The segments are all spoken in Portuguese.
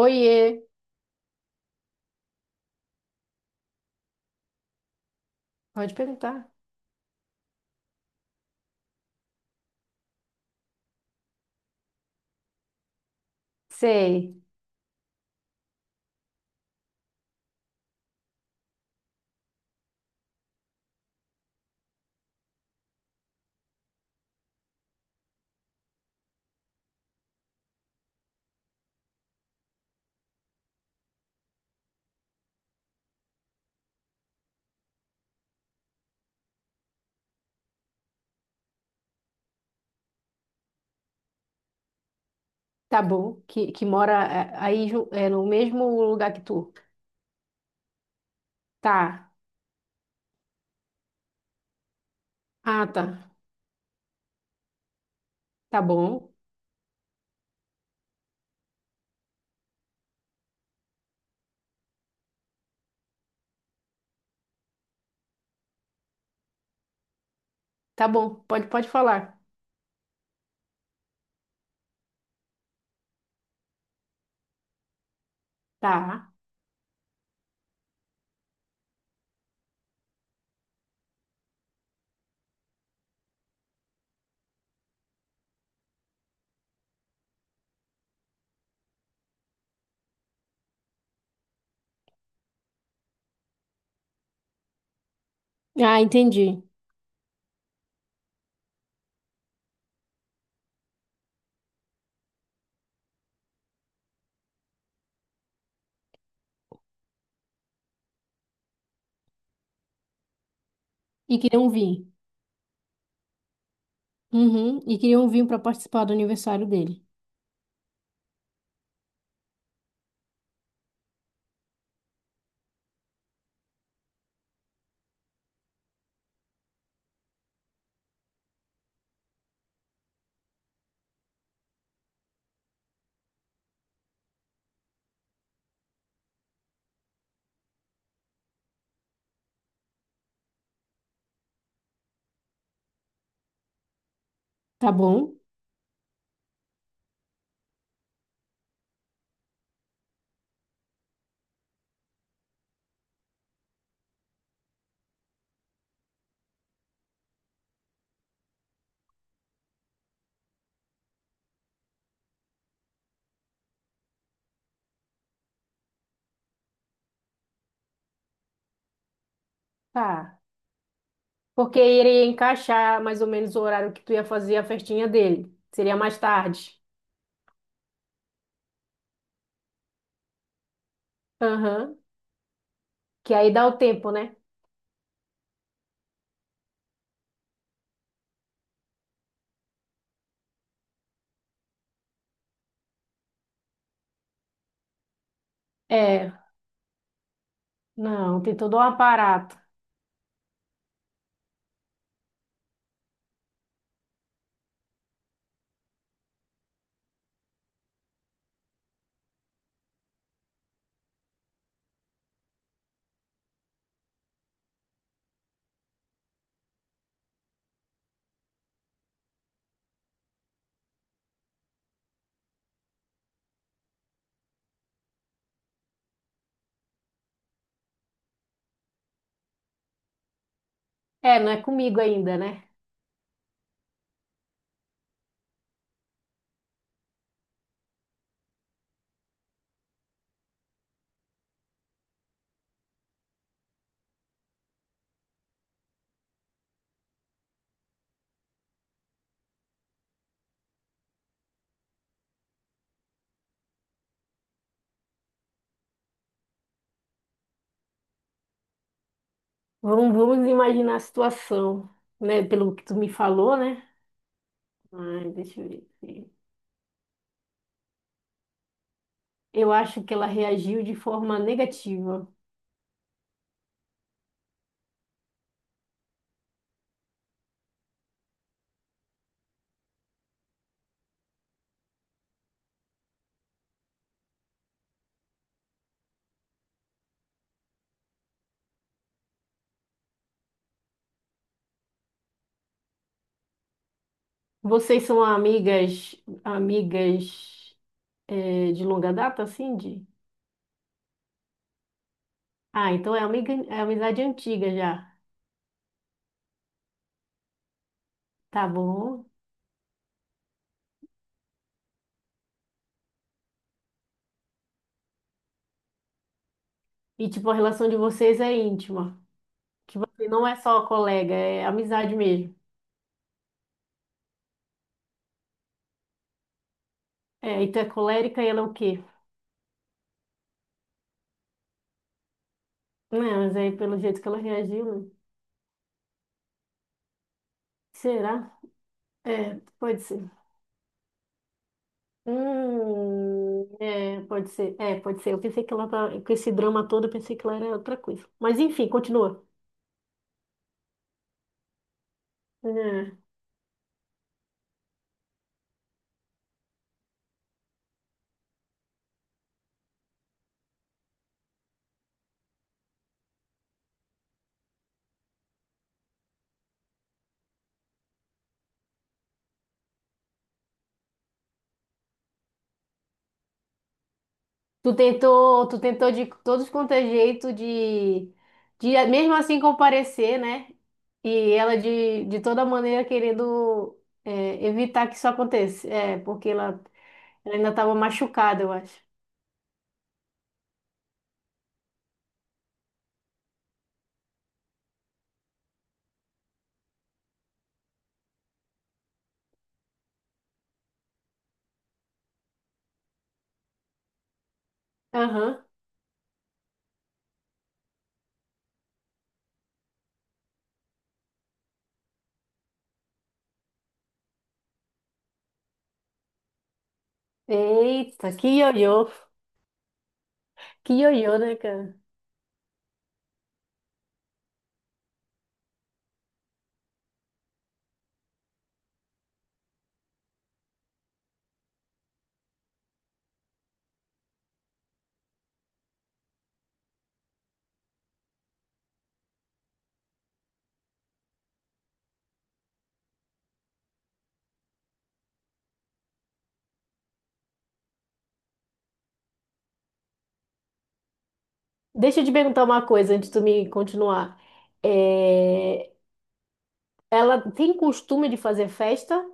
Oiê, pode perguntar. Sei. Tá bom, que mora, aí no mesmo lugar que tu? Tá. Ah, tá. Tá bom. Tá bom, pode falar. Tá. Ah, entendi. E queriam vir. Uhum, e queriam vir para participar do aniversário dele. Tá bom? Tá. Porque iria encaixar mais ou menos o horário que tu ia fazer a festinha dele. Seria mais tarde. Aham. Que aí dá o tempo, né? É. Não, tem todo um aparato. É, não é comigo ainda, né? Vamos imaginar a situação, né? Pelo que tu me falou, né? Ai, deixa eu ver aqui. Eu acho que ela reagiu de forma negativa. Vocês são amigas é, de longa data, assim, de? Ah, então é amiga, é amizade antiga já, tá bom? E tipo, a relação de vocês é íntima, que você não é só colega, é amizade mesmo. É, e tu é colérica e ela é o quê? Não, mas aí pelo jeito que ela reagiu, né? Será? É, pode ser. É, pode ser. É, pode ser. Eu pensei que ela tá, com esse drama todo, eu pensei que ela era outra coisa. Mas enfim, continua. É. Tu tentou de todos quanto é jeito de mesmo assim comparecer, né? E ela de toda maneira querendo é, evitar que isso aconteça. É, porque ela ainda estava machucada, eu acho. Aham. Eita, que ioiô. Que ioiô, né, cara? Deixa eu te perguntar uma coisa antes de tu me continuar. É, ela tem costume de fazer festa,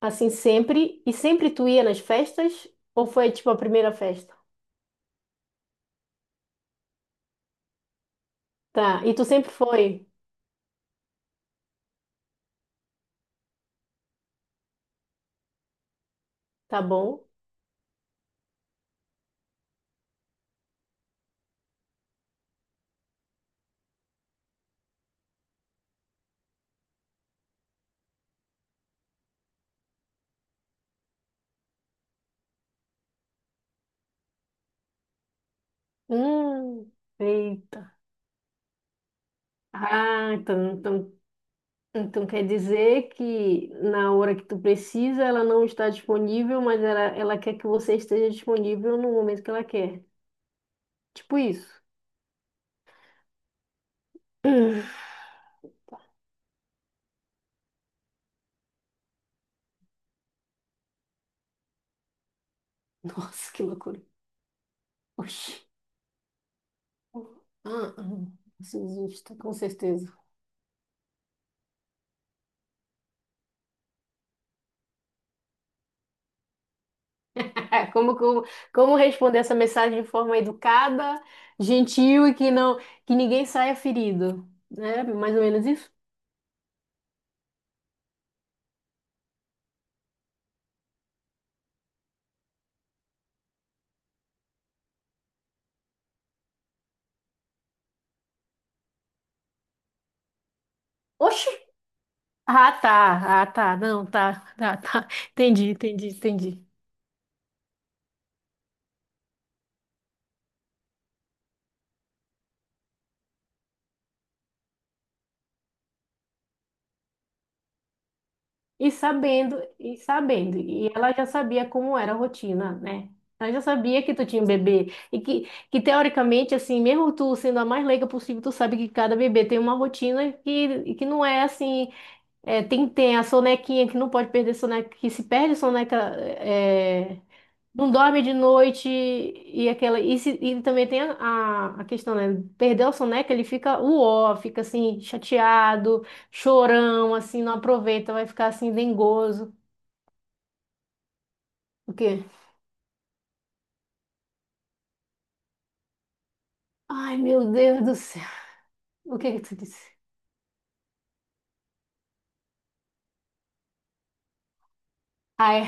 assim sempre, e sempre tu ia nas festas? Ou foi tipo a primeira festa? Tá, e tu sempre foi? Tá bom? Hum, eita. Ah, então quer dizer que na hora que tu precisa ela não está disponível, mas ela quer que você esteja disponível no momento que ela quer. Tipo isso. Hum. Nossa, que loucura. Oxi. Ah, ah, justa, com certeza. Como, como, como responder essa mensagem de forma educada, gentil e que não, que ninguém saia ferido, né? Mais ou menos isso. Oxi! Ah, tá, ah, tá, não, tá, tá, tá. Entendi, entendi, entendi. E sabendo, e ela já sabia como era a rotina, né? Ela já sabia que tu tinha um bebê e que teoricamente, assim, mesmo tu sendo a mais leiga possível, tu sabe que cada bebê tem uma rotina que não é assim. É, tem a sonequinha que não pode perder soneca, que se perde soneca, é, não dorme de noite e aquela e, se- e também tem a questão, né? Perdeu a soneca, ele fica uó, fica assim chateado, chorão, assim, não aproveita, vai ficar assim dengoso. O quê? Ai, meu Deus do céu. O que é que tu disse? Ai,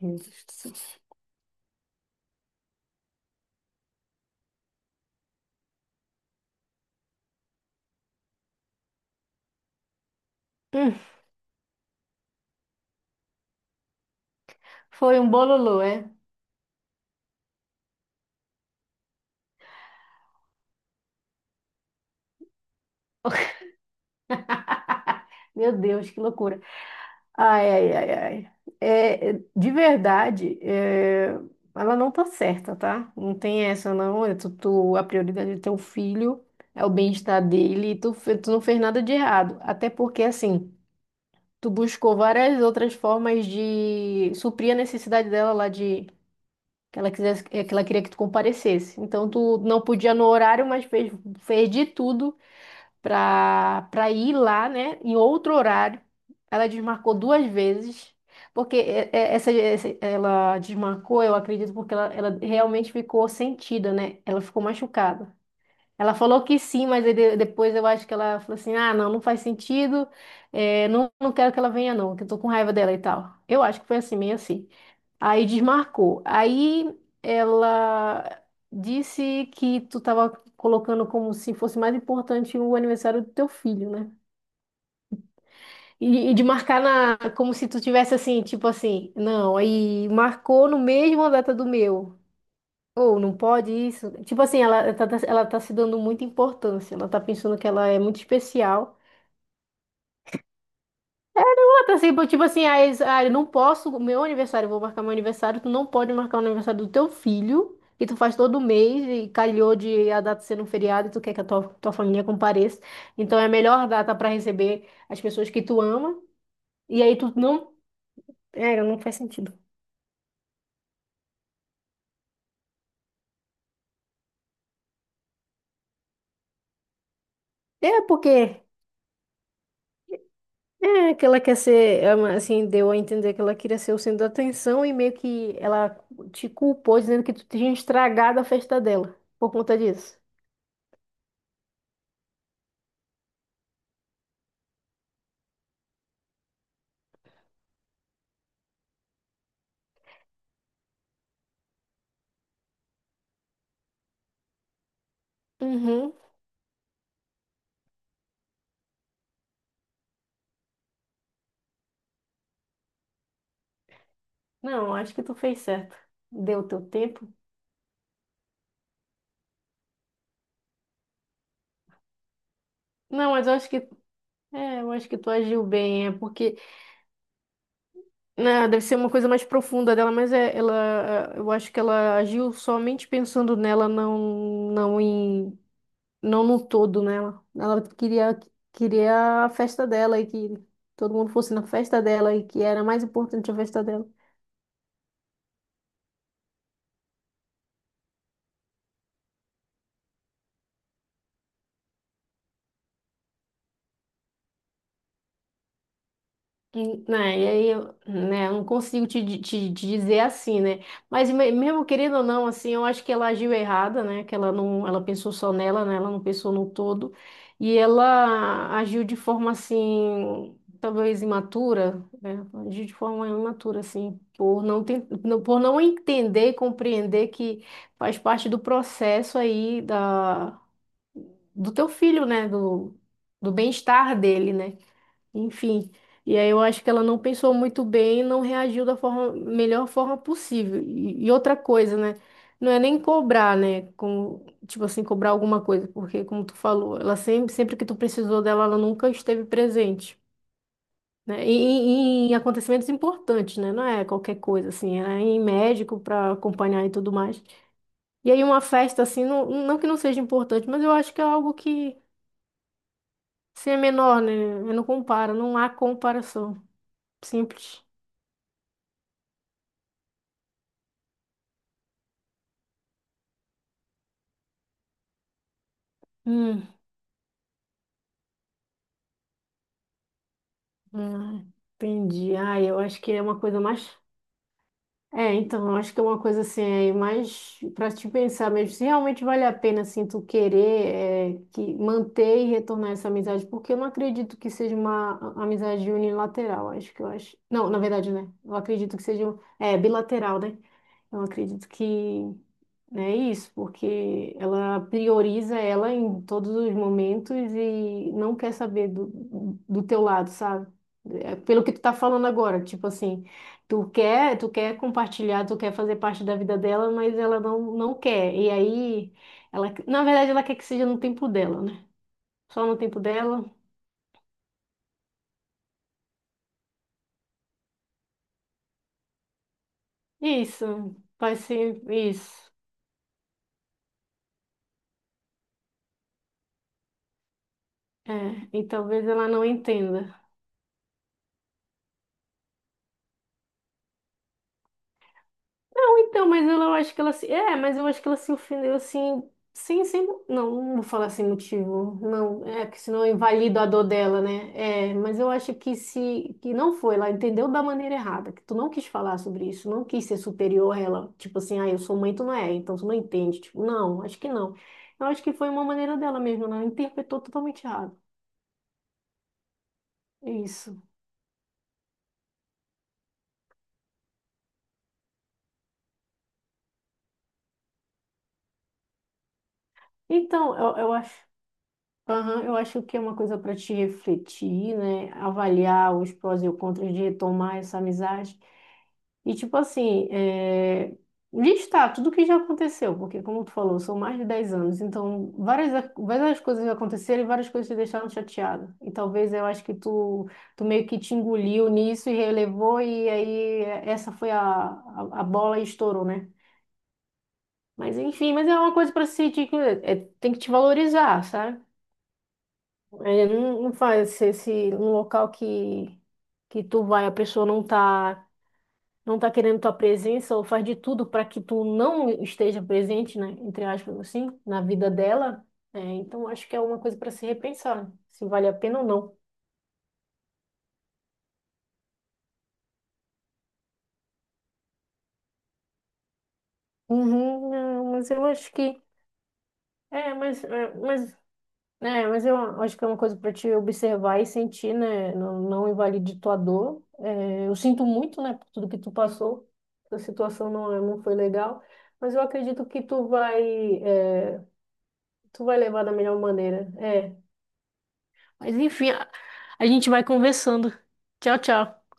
meu Deus do céu. Hum, foi um bololô, é? Meu Deus, que loucura. Ai, ai, ai, ai. É, é, de verdade, é, ela não tá certa, tá? Não tem essa, não. É tu, tu- a prioridade é teu filho, é o bem-estar dele, e tu, fe- tu não fez nada de errado. Até porque, assim, tu buscou várias outras formas de suprir a necessidade dela lá de que ela quisesse, é, que ela queria que tu comparecesse. Então, tu não podia no horário, mas fez de tudo para para ir lá, né, em outro horário. Ela desmarcou duas vezes, porque é- é- essa- ela desmarcou, eu acredito, porque ela realmente ficou sentida, né? Ela ficou machucada. Ela falou que sim, mas aí de- depois eu acho que ela falou assim: ah, não, não faz sentido, é, não, não quero que ela venha, não, que eu tô com raiva dela e tal. Eu acho que foi assim, meio assim. Aí desmarcou. Aí ela disse que tu tava colocando como se fosse mais importante o aniversário do teu filho, né? E de marcar na, como se tu tivesse assim, tipo assim, não, aí marcou no mesmo a data do meu. Ou não pode isso? Tipo assim, ela tá se dando muita importância. Ela tá pensando que ela é muito especial. Assim, pô, tipo assim, aí eles, ah, eu não posso, meu aniversário, eu vou marcar meu aniversário, tu não pode marcar o aniversário do teu filho, que tu faz todo mês, e calhou de a data ser um feriado, e tu quer que a tua família compareça. Então é a melhor data para receber as pessoas que tu ama, e aí tu não. É, não faz sentido. É porque. É, que ela quer ser, é uma- assim, deu a entender que ela queria ser o centro da atenção e meio que ela te culpou dizendo que tu tinha estragado a festa dela por conta disso. Uhum. Não, acho que tu fez certo. Deu o teu tempo. Não, mas eu acho que. É, eu acho que tu agiu bem. É porque. Né, deve ser uma coisa mais profunda dela, mas é, ela. É, eu acho que ela agiu somente pensando nela, não, não em. Não no todo nela. Ela queria, queria a festa dela e que todo mundo fosse na festa dela e que era mais importante a festa dela. Hum. Né, e aí eu, né, eu não consigo te, di- te dizer assim, né? Mas me- mesmo querendo ou não, assim, eu acho que ela agiu errada, né? Que ela não, ela pensou só nela, né? Ela não pensou no todo. E ela agiu de forma assim, talvez imatura, né? Agiu de forma imatura, assim, por não ten- não- por não entender e compreender que faz parte do processo aí da, do teu filho, né? Do, do bem-estar dele, né? Enfim, e aí eu acho que ela não pensou muito bem e não reagiu da forma, melhor forma possível. E outra coisa, né? Não é nem cobrar, né? Com, tipo assim, cobrar alguma coisa, porque como tu falou, ela sempre que tu precisou dela, ela nunca esteve presente, né? E em acontecimentos importantes, né? Não é qualquer coisa, assim, é em médico para acompanhar e tudo mais. E aí uma festa, assim, não, não que não seja importante, mas eu acho que é algo que, se é menor, né? Não compara, não há comparação. Simples. Hum, ah, entendi. Ah, eu acho que é uma coisa mais. É, então, eu acho que é uma coisa assim, aí mais para te pensar mesmo, se realmente vale a pena, assim, tu querer é, que manter e retornar essa amizade, porque eu não acredito que seja uma a- amizade unilateral, acho que eu acho. Não, na verdade, né? Eu acredito que seja um- é, bilateral, né? Então, eu acredito que né, é isso, porque ela prioriza ela em todos os momentos e não quer saber do, do teu lado, sabe? É pelo que tu tá falando agora, tipo assim, tu quer compartilhar, tu quer fazer parte da vida dela, mas ela não, não quer. E aí, ela, na verdade, ela quer que seja no tempo dela, né? Só no tempo dela. Isso, vai ser isso. É, e talvez ela não entenda. Não, então, mas ela- eu acho que ela se. É, mas eu acho que ela se ofendeu assim, sem, sem. Não, não vou falar sem motivo. Não, é que senão eu invalido a dor dela, né? É, mas eu acho que se que não foi, ela entendeu da maneira errada, que tu não quis falar sobre isso, não quis ser superior a ela. Tipo assim, ah, eu sou mãe, tu não é, então tu não entende. Tipo, não, acho que não. Eu acho que foi uma maneira dela mesmo, ela interpretou totalmente errado. É isso. Então, eu acho. Aham, eu acho que é uma coisa para te refletir, né? Avaliar os prós e os contras de retomar essa amizade. E, tipo assim, é, listar tudo o que já aconteceu, porque, como tu falou, são mais de 10 anos, então várias coisas aconteceram e várias coisas te deixaram chateada. E talvez eu acho que tu, tu meio que te engoliu nisso e relevou, e aí é, essa foi a bola e estourou, né? Mas enfim, mas é uma coisa para se te- é, tem que te valorizar, sabe? É, não, não faz se num local que tu vai, a pessoa não tá, não tá querendo tua presença ou faz de tudo para que tu não esteja presente, né, entre aspas, assim, na vida dela. É, então acho que é uma coisa para se repensar, se vale a pena ou não. Uhum, não, mas eu acho que é, mas, é, mas é, mas eu acho que é uma coisa para te observar e sentir, né? Não, não invalide tua dor. É, eu sinto muito, né, por tudo que tu passou. A situação não, é- não foi legal, mas eu acredito que tu vai, é, tu vai levar da melhor maneira. É. Mas enfim, a gente vai conversando. Tchau, tchau.